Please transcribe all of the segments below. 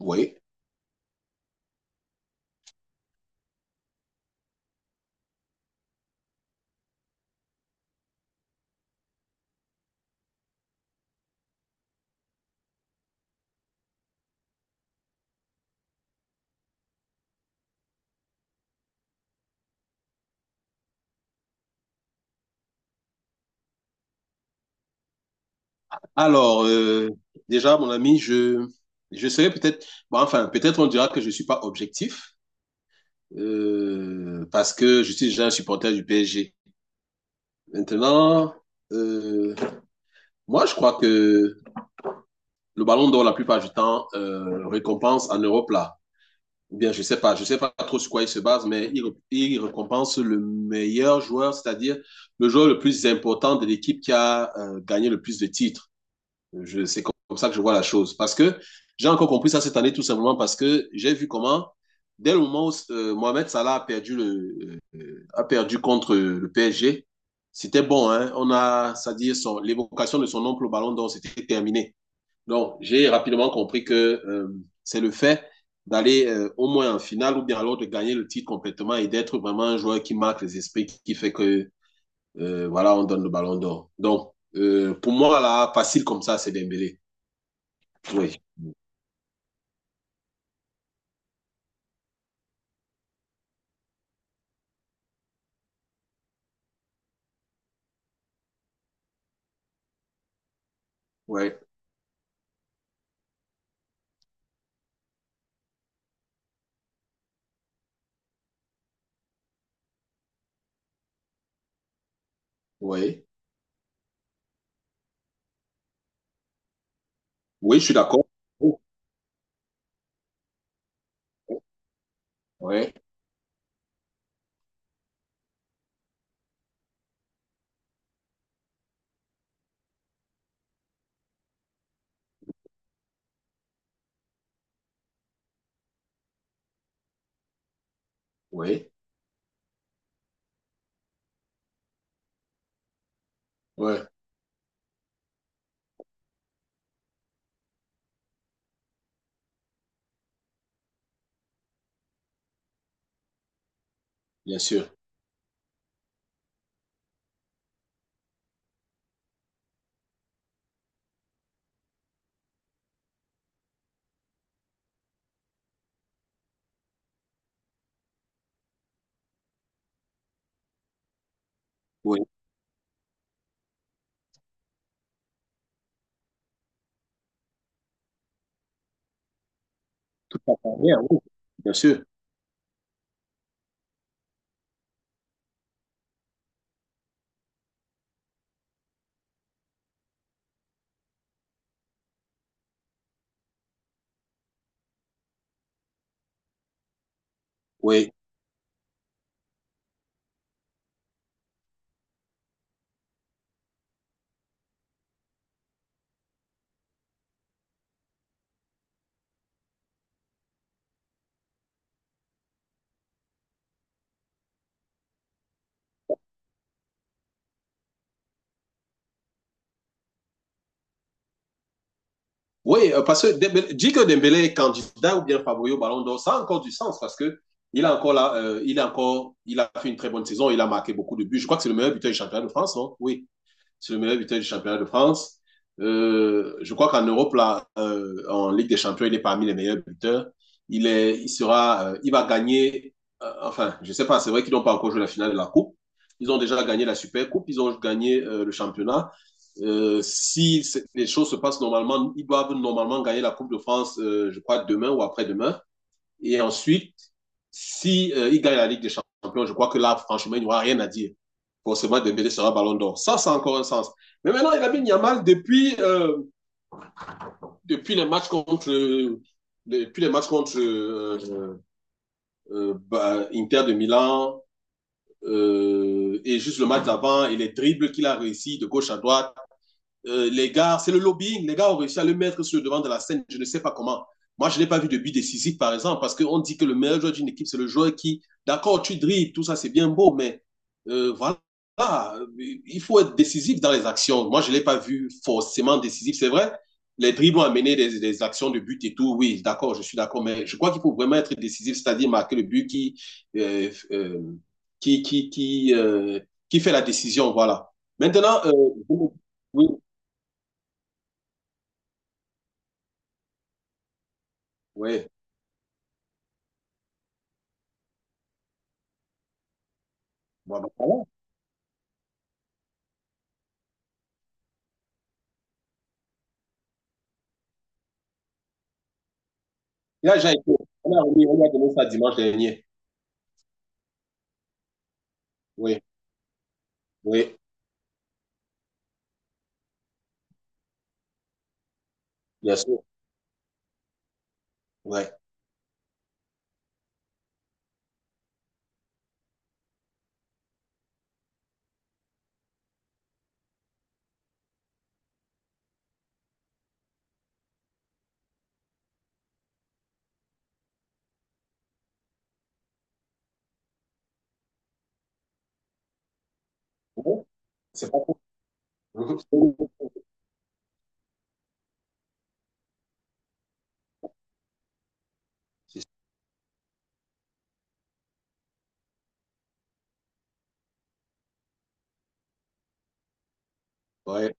Oui. Alors, déjà, mon ami, je serais peut-être, peut-être on dira que je suis pas objectif, parce que je suis déjà un supporter du PSG. Maintenant, euh, moi, je crois que le ballon d'or, la plupart du temps, récompense en Europe, là. Ou bien, je sais pas trop sur quoi il se base, il récompense le meilleur joueur, c'est-à-dire le joueur le plus important de l'équipe qui a gagné le plus de titres. C'est comme ça que je vois la chose. Parce que j'ai encore compris ça cette année, tout simplement parce que j'ai vu comment, dès le moment où Mohamed Salah a perdu, a perdu contre le PSG, c'était bon. Hein? C'est-à-dire, l'évocation de son oncle au ballon d'or, c'était terminé. Donc, j'ai rapidement compris que c'est le fait d'aller au moins en finale ou bien alors de gagner le titre complètement et d'être vraiment un joueur qui marque les esprits, qui fait que, voilà, on donne le ballon d'or. Donc, pour moi, là, facile comme ça, c'est Dembélé. Oui, oui, oui. Oui, je suis d'accord. Oh, oui, oui, oui, bien sûr. Oui, tout à fait. Bien, oui, bien sûr. Oui, oui, parce que Dembélé, dit que Dembélé est candidat ou bien favori au Ballon d'Or, ça a encore du sens parce que il a encore là, il a encore, il a fait une très bonne saison, il a marqué beaucoup de buts. Je crois que c'est le meilleur buteur du championnat de France, non? Oui, c'est le meilleur buteur du championnat de France. Je crois qu'en Europe, là, en Ligue des Champions, il est parmi les meilleurs buteurs. Il, est, il, sera, Il va gagner, je ne sais pas, c'est vrai qu'ils n'ont pas encore joué la finale de la Coupe. Ils ont déjà gagné la Super Coupe, ils ont gagné le championnat. Si les choses se passent normalement, ils doivent normalement gagner la Coupe de France, je crois, demain ou après-demain. Et ensuite, si il gagne la Ligue des Champions, je crois que là, franchement, il n'y aura rien à dire. Forcément, Dembélé sera Ballon d'Or. Ça a encore un sens. Mais maintenant, il a mis Niamal depuis, depuis les matchs contre, euh, depuis les matchs contre Inter de Milan et juste le match d'avant et les dribbles qu'il a réussi de gauche à droite, les gars, c'est le lobbying. Les gars ont réussi à le mettre sur le devant de la scène. Je ne sais pas comment. Moi, je n'ai pas vu de but décisif, par exemple, parce qu'on dit que le meilleur joueur d'une équipe, c'est le joueur qui, d'accord, tu dribbles, tout ça, c'est bien beau, mais voilà, il faut être décisif dans les actions. Moi, je ne l'ai pas vu forcément décisif, c'est vrai. Les dribbles ont amené des actions de but et tout, oui, d'accord, je suis d'accord, mais je crois qu'il faut vraiment être décisif, c'est-à-dire marquer le but qui, euh, euh, qui, qui, qui, euh, qui fait la décision, voilà. Maintenant, oui. Oui, bon, ben, voilà. Là, j'ai été. On a remis, on a donné ça dimanche dernier. Oui, oui, bien sûr. Ouais. Ouais. C'est pas faux. Mhm. C'est ouais.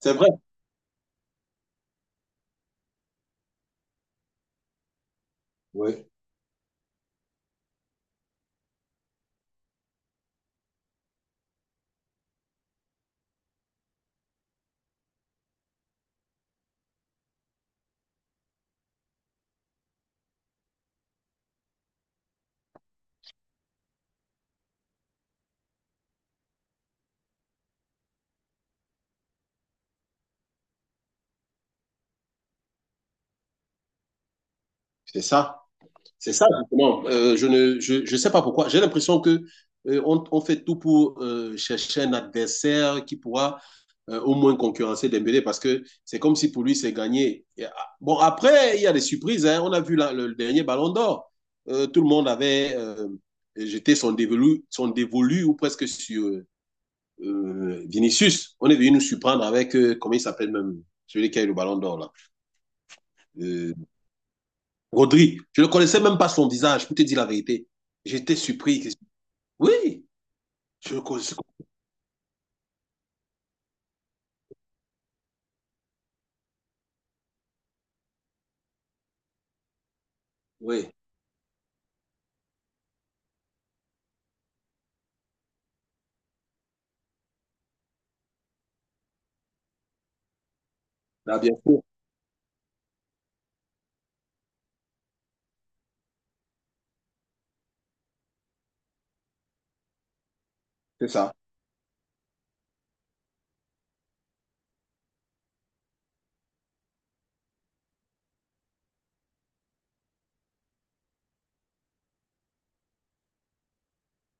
C'est vrai. Oui, c'est ça. C'est ça, justement. Je ne je, je sais pas pourquoi. J'ai l'impression que on fait tout pour chercher un adversaire qui pourra au moins concurrencer Dembélé parce que c'est comme si pour lui c'est gagné. Bon, après, il y a des surprises. Hein. On a vu la, le dernier ballon d'or. Tout le monde avait jeté son dévolu ou presque sur Vinicius. On est venu nous surprendre avec, comment il s'appelle même, celui qui a eu le ballon d'or là. Euh, Rodri. Je ne connaissais même pas son visage, pour te dire la vérité. J'étais surpris. Oui, je le connaissais. Oui, là, bien sûr, c'est ça.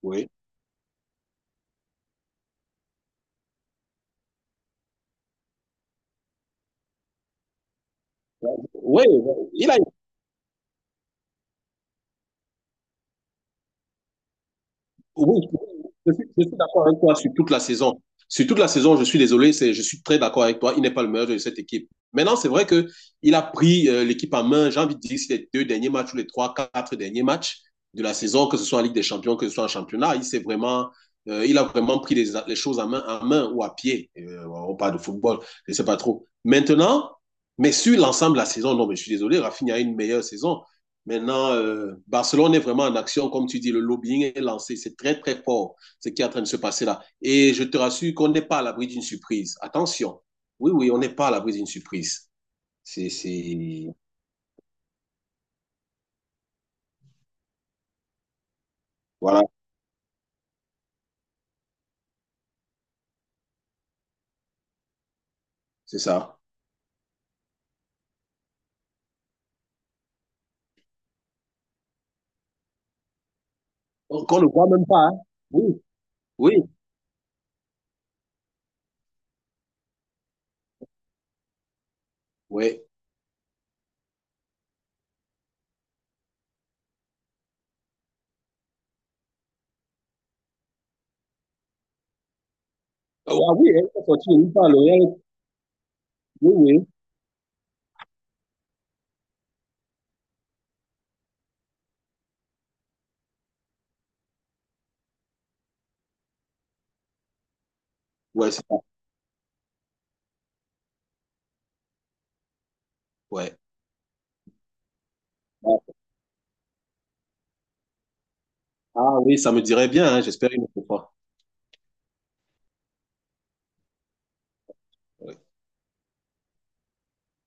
Oui. Oui, il a, oui, je suis d'accord avec toi sur toute la saison. Sur toute la saison, je suis désolé, c'est, je suis très d'accord avec toi. Il n'est pas le meilleur de cette équipe. Maintenant, c'est vrai que il a pris l'équipe en main. J'ai envie de dire, c'est les deux derniers matchs ou les trois, quatre derniers matchs de la saison, que ce soit en Ligue des Champions, que ce soit en championnat, il s'est vraiment, il a vraiment pris les choses en main ou à pied. On parle de football, je ne sais pas trop. Maintenant, mais sur l'ensemble de la saison, non, mais je suis désolé, Rafinha a une meilleure saison. Maintenant, Barcelone est vraiment en action, comme tu dis, le lobbying est lancé, c'est très très fort ce qui est en train de se passer là. Et je te rassure qu'on n'est pas à l'abri d'une surprise. Attention, oui, oui, on n'est pas à l'abri d'une surprise. C'est, c'est, voilà, c'est ça. Qu'on ne voit même pas, hein. Oui, oui, oui. Ah oui, elle est sortie, elle parle, elle- oui, oui. Ouais, c'est ça, ouais. Ah oui, ça me dirait bien, hein, j'espère une autre fois.